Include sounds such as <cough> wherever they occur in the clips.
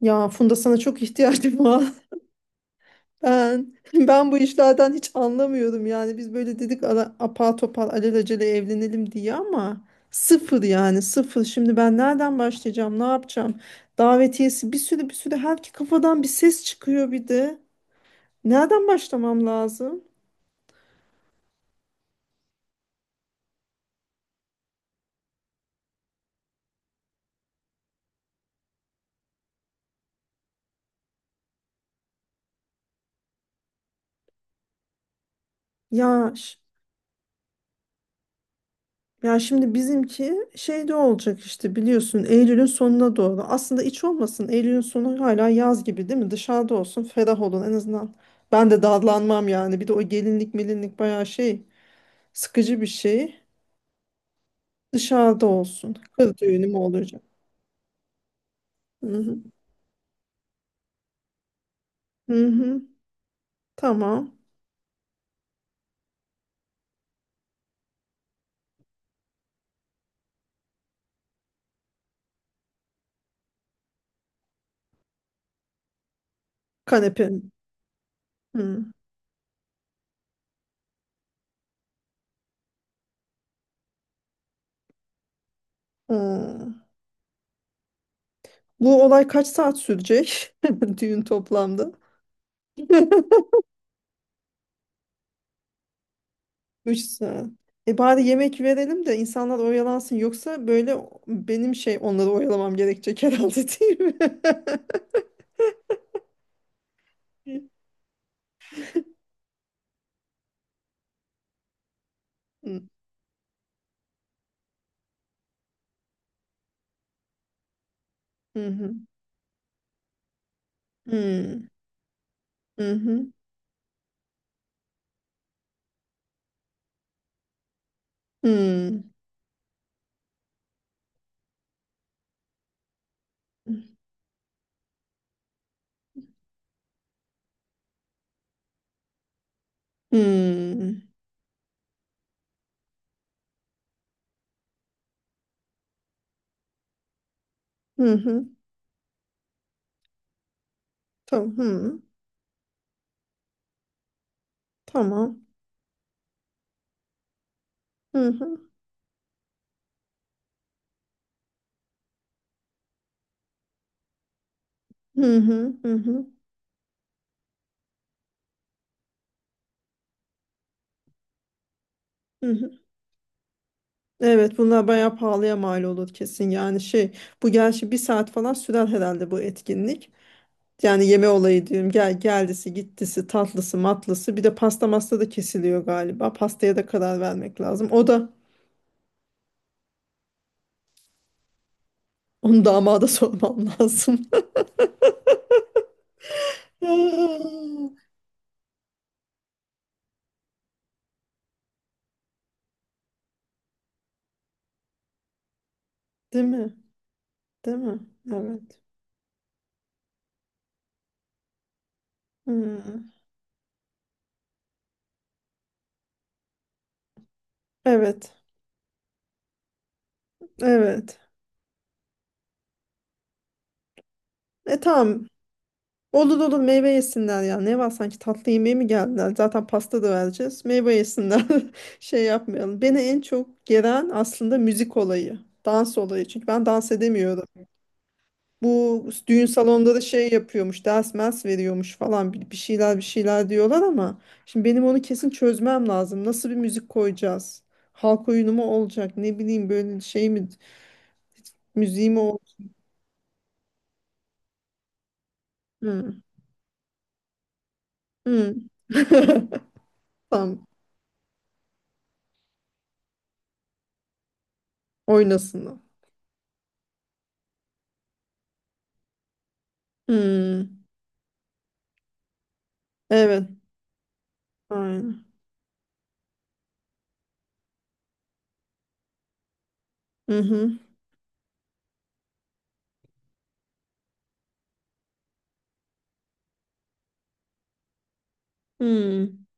Ya Funda sana çok ihtiyacım var. <laughs> Ben bu işlerden hiç anlamıyorum yani. Biz böyle dedik apar topar alelacele evlenelim diye ama sıfır yani sıfır. Şimdi ben nereden başlayacağım? Ne yapacağım? Davetiyesi bir sürü bir sürü her iki kafadan bir ses çıkıyor bir de. Nereden başlamam lazım? Ya Ya şimdi bizimki şeyde olacak işte biliyorsun Eylül'ün sonuna doğru. Aslında iç olmasın. Eylül'ün sonu hala yaz gibi değil mi? Dışarıda olsun, ferah olun en azından. Ben de dallanmam yani. Bir de o gelinlik melinlik bayağı şey sıkıcı bir şey. Dışarıda olsun. Kız düğünü mü olacak? Hı hı. Hı hı. Tamam. Kanepe. Hı. Hı. Bu olay kaç saat sürecek? <laughs> Düğün toplamda. <laughs> Üç saat. E bari yemek verelim de insanlar oyalansın. Yoksa böyle benim şey onları oyalamam gerekecek herhalde <laughs> değil mi? Hı. Hı hı. Hı hı. Hı hı. hı. Tamam. Hı. Tamam. Hı hı. Hı hı. Hı hı. Hı hı. Evet, bunlar bayağı pahalıya mal olur kesin yani şey bu gerçi bir saat falan sürer herhalde bu etkinlik. Yani yeme olayı diyorum. Gel geldisi, gittisi, tatlısı, matlısı. Bir de pasta masta da kesiliyor galiba. Pastaya da karar vermek lazım. O da onu damada <laughs> sormam lazım. <laughs> Değil mi? Değil mi? Evet. Hmm. Evet. Evet. E tamam. Olur olur meyve yesinler ya. Ne var, sanki tatlı yemeğe mi geldiler? Zaten pasta da vereceğiz. Meyve yesinler. <laughs> Şey yapmayalım. Beni en çok gelen aslında müzik olayı. Dans olayı. Çünkü ben dans edemiyorum. Bu düğün salonunda da şey yapıyormuş, ders mers veriyormuş falan, bir şeyler bir şeyler diyorlar ama şimdi benim onu kesin çözmem lazım. Nasıl bir müzik koyacağız? Halk oyunu mu olacak? Ne bileyim, böyle şey mi müziği mi olacak? Hmm. Hmm. <laughs> Tamam oynasın. Hmm. <laughs> Evet. Aynen. Hı hı. Hmm.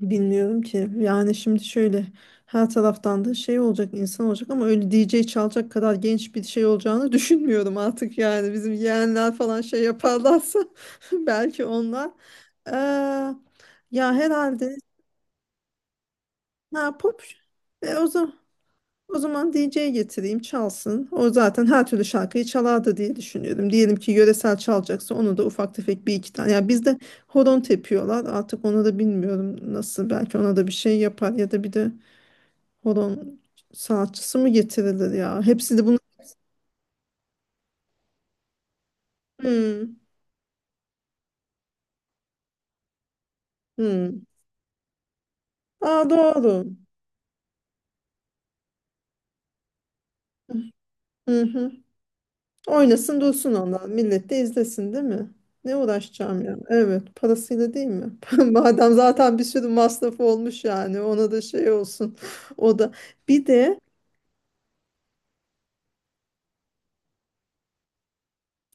Bilmiyorum ki. Yani şimdi şöyle, her taraftan da şey olacak, insan olacak ama öyle D J çalacak kadar genç bir şey olacağını <laughs> düşünmüyorum artık yani. Bizim yeğenler falan şey yaparlarsa <laughs> belki onlar. Ee, Ya herhalde, ha, pop, e, o zaman o zaman DJ getireyim çalsın. O zaten her türlü şarkıyı çalardı diye düşünüyorum. Diyelim ki yöresel çalacaksa onu da ufak tefek bir iki tane. Ya bizde horon tepiyorlar. Artık onu da bilmiyorum nasıl. Belki ona da bir şey yapar ya da bir de horon sanatçısı mı getirilir ya? Hepsi de bunu. Hmm, hmm. Aa doğru. Hı hı. Oynasın dursun onlar. Millet de izlesin değil mi? Ne uğraşacağım ya? Evet, parasıyla değil mi? <laughs> Madem zaten bir sürü masrafı olmuş, yani ona da şey olsun. <laughs> O da bir de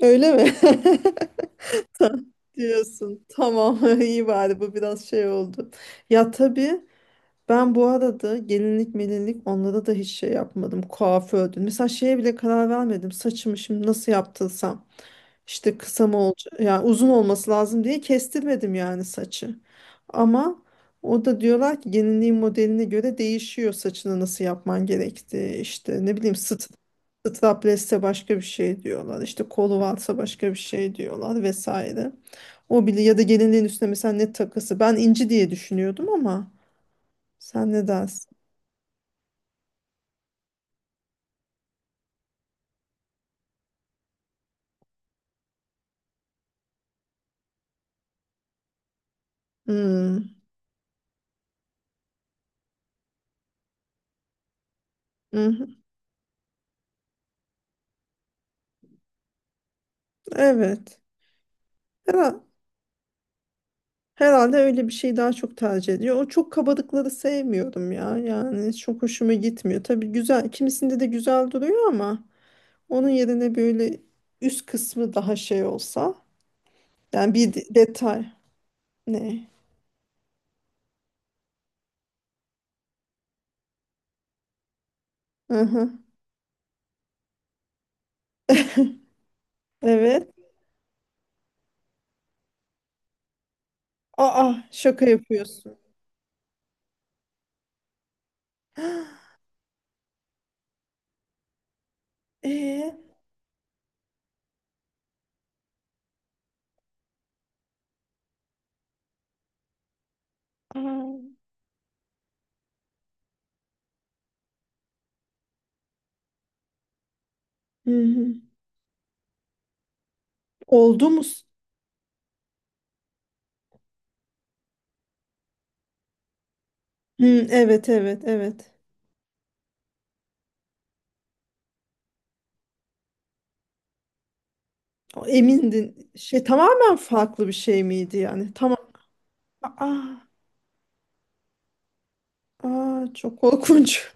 öyle mi? <laughs> Ta- diyorsun. Tamam, <laughs> iyi bari bu biraz şey oldu. Ya tabii, ben bu arada gelinlik melinlik onlara da hiç şey yapmadım. Kuafördün. Mesela şeye bile karar vermedim. Saçımı şimdi nasıl yaptırsam. İşte kısa mı olacak? Yani uzun olması lazım diye kestirmedim yani saçı. Ama o da, diyorlar ki gelinliğin modeline göre değişiyor saçını nasıl yapman gerektiği. İşte ne bileyim, straplesse başka bir şey diyorlar. İşte kolu varsa başka bir şey diyorlar vesaire. O bile, ya da gelinliğin üstüne mesela ne takısı. Ben inci diye düşünüyordum ama. Sen ne dersin? Hmm, mhm, evet. Herhal- herhalde öyle bir şey daha çok tercih ediyor. O çok kabalıkları sevmiyorum ya. Yani çok hoşuma gitmiyor. Tabii güzel. Kimisinde de güzel duruyor ama onun yerine böyle üst kısmı daha şey olsa. Yani bir detay. Ne? Hı. Evet. Aa, şaka yapıyorsun. <gasps> Ee, aa. Hı hı. Oldu mu? Hı, evet evet evet. Emindin. Şey tamamen farklı bir şey miydi yani? Tamam. Aa, aa, çok korkunç.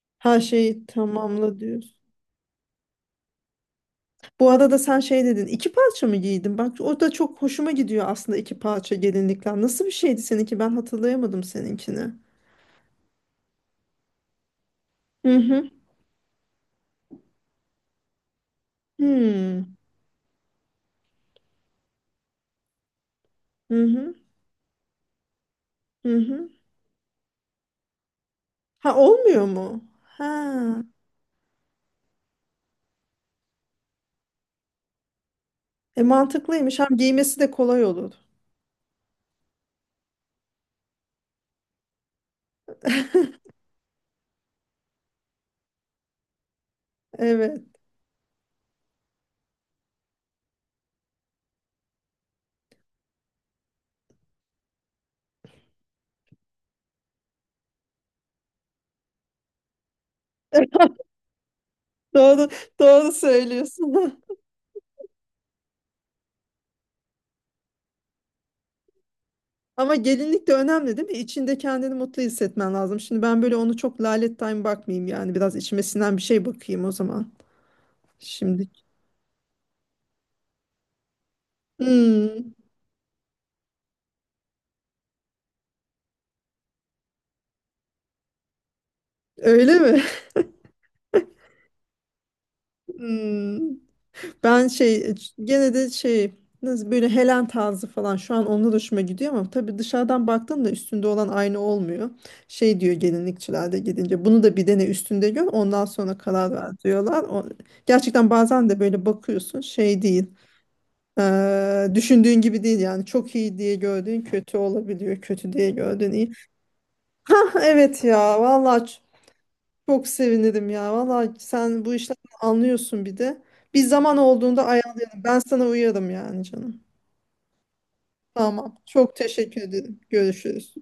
<laughs> Her şeyi tamamla diyorsun. Bu arada sen şey dedin. İki parça mı giydin? Bak o da çok hoşuma gidiyor aslında, iki parça gelinlikler. Nasıl bir şeydi seninki? Ben hatırlayamadım seninkini. Hı hı. Hmm. Hı hı. Hı hı. Ha olmuyor mu? Ha. E mantıklıymış. Hem giymesi de kolay olur. Evet. <laughs> Doğru, doğru söylüyorsun. <laughs> Ama gelinlik de önemli değil mi? İçinde kendini mutlu hissetmen lazım. Şimdi ben böyle onu çok lalet time bakmayayım yani. Biraz içime sinen bir şey bakayım o zaman. Şimdi. Hmm, öyle mi? <laughs> Hmm. Ben şey gene de şey, nasıl böyle Helen tarzı falan, şu an onunla da hoşuma gidiyor ama tabii dışarıdan baktığında üstünde olan aynı olmuyor. Şey diyor gelinlikçilerde, gidince bunu da bir dene üstünde gör ondan sonra karar ver diyorlar. O, gerçekten bazen de böyle bakıyorsun şey değil. Düşündüğün gibi değil yani, çok iyi diye gördüğün kötü olabiliyor, kötü diye gördüğün iyi. Ah, evet ya vallahi, çok sevinirim ya vallahi, sen bu işlerden anlıyorsun bir de, bir zaman olduğunda ayarlayalım, ben sana uyarım yani canım, tamam, çok teşekkür ederim, görüşürüz.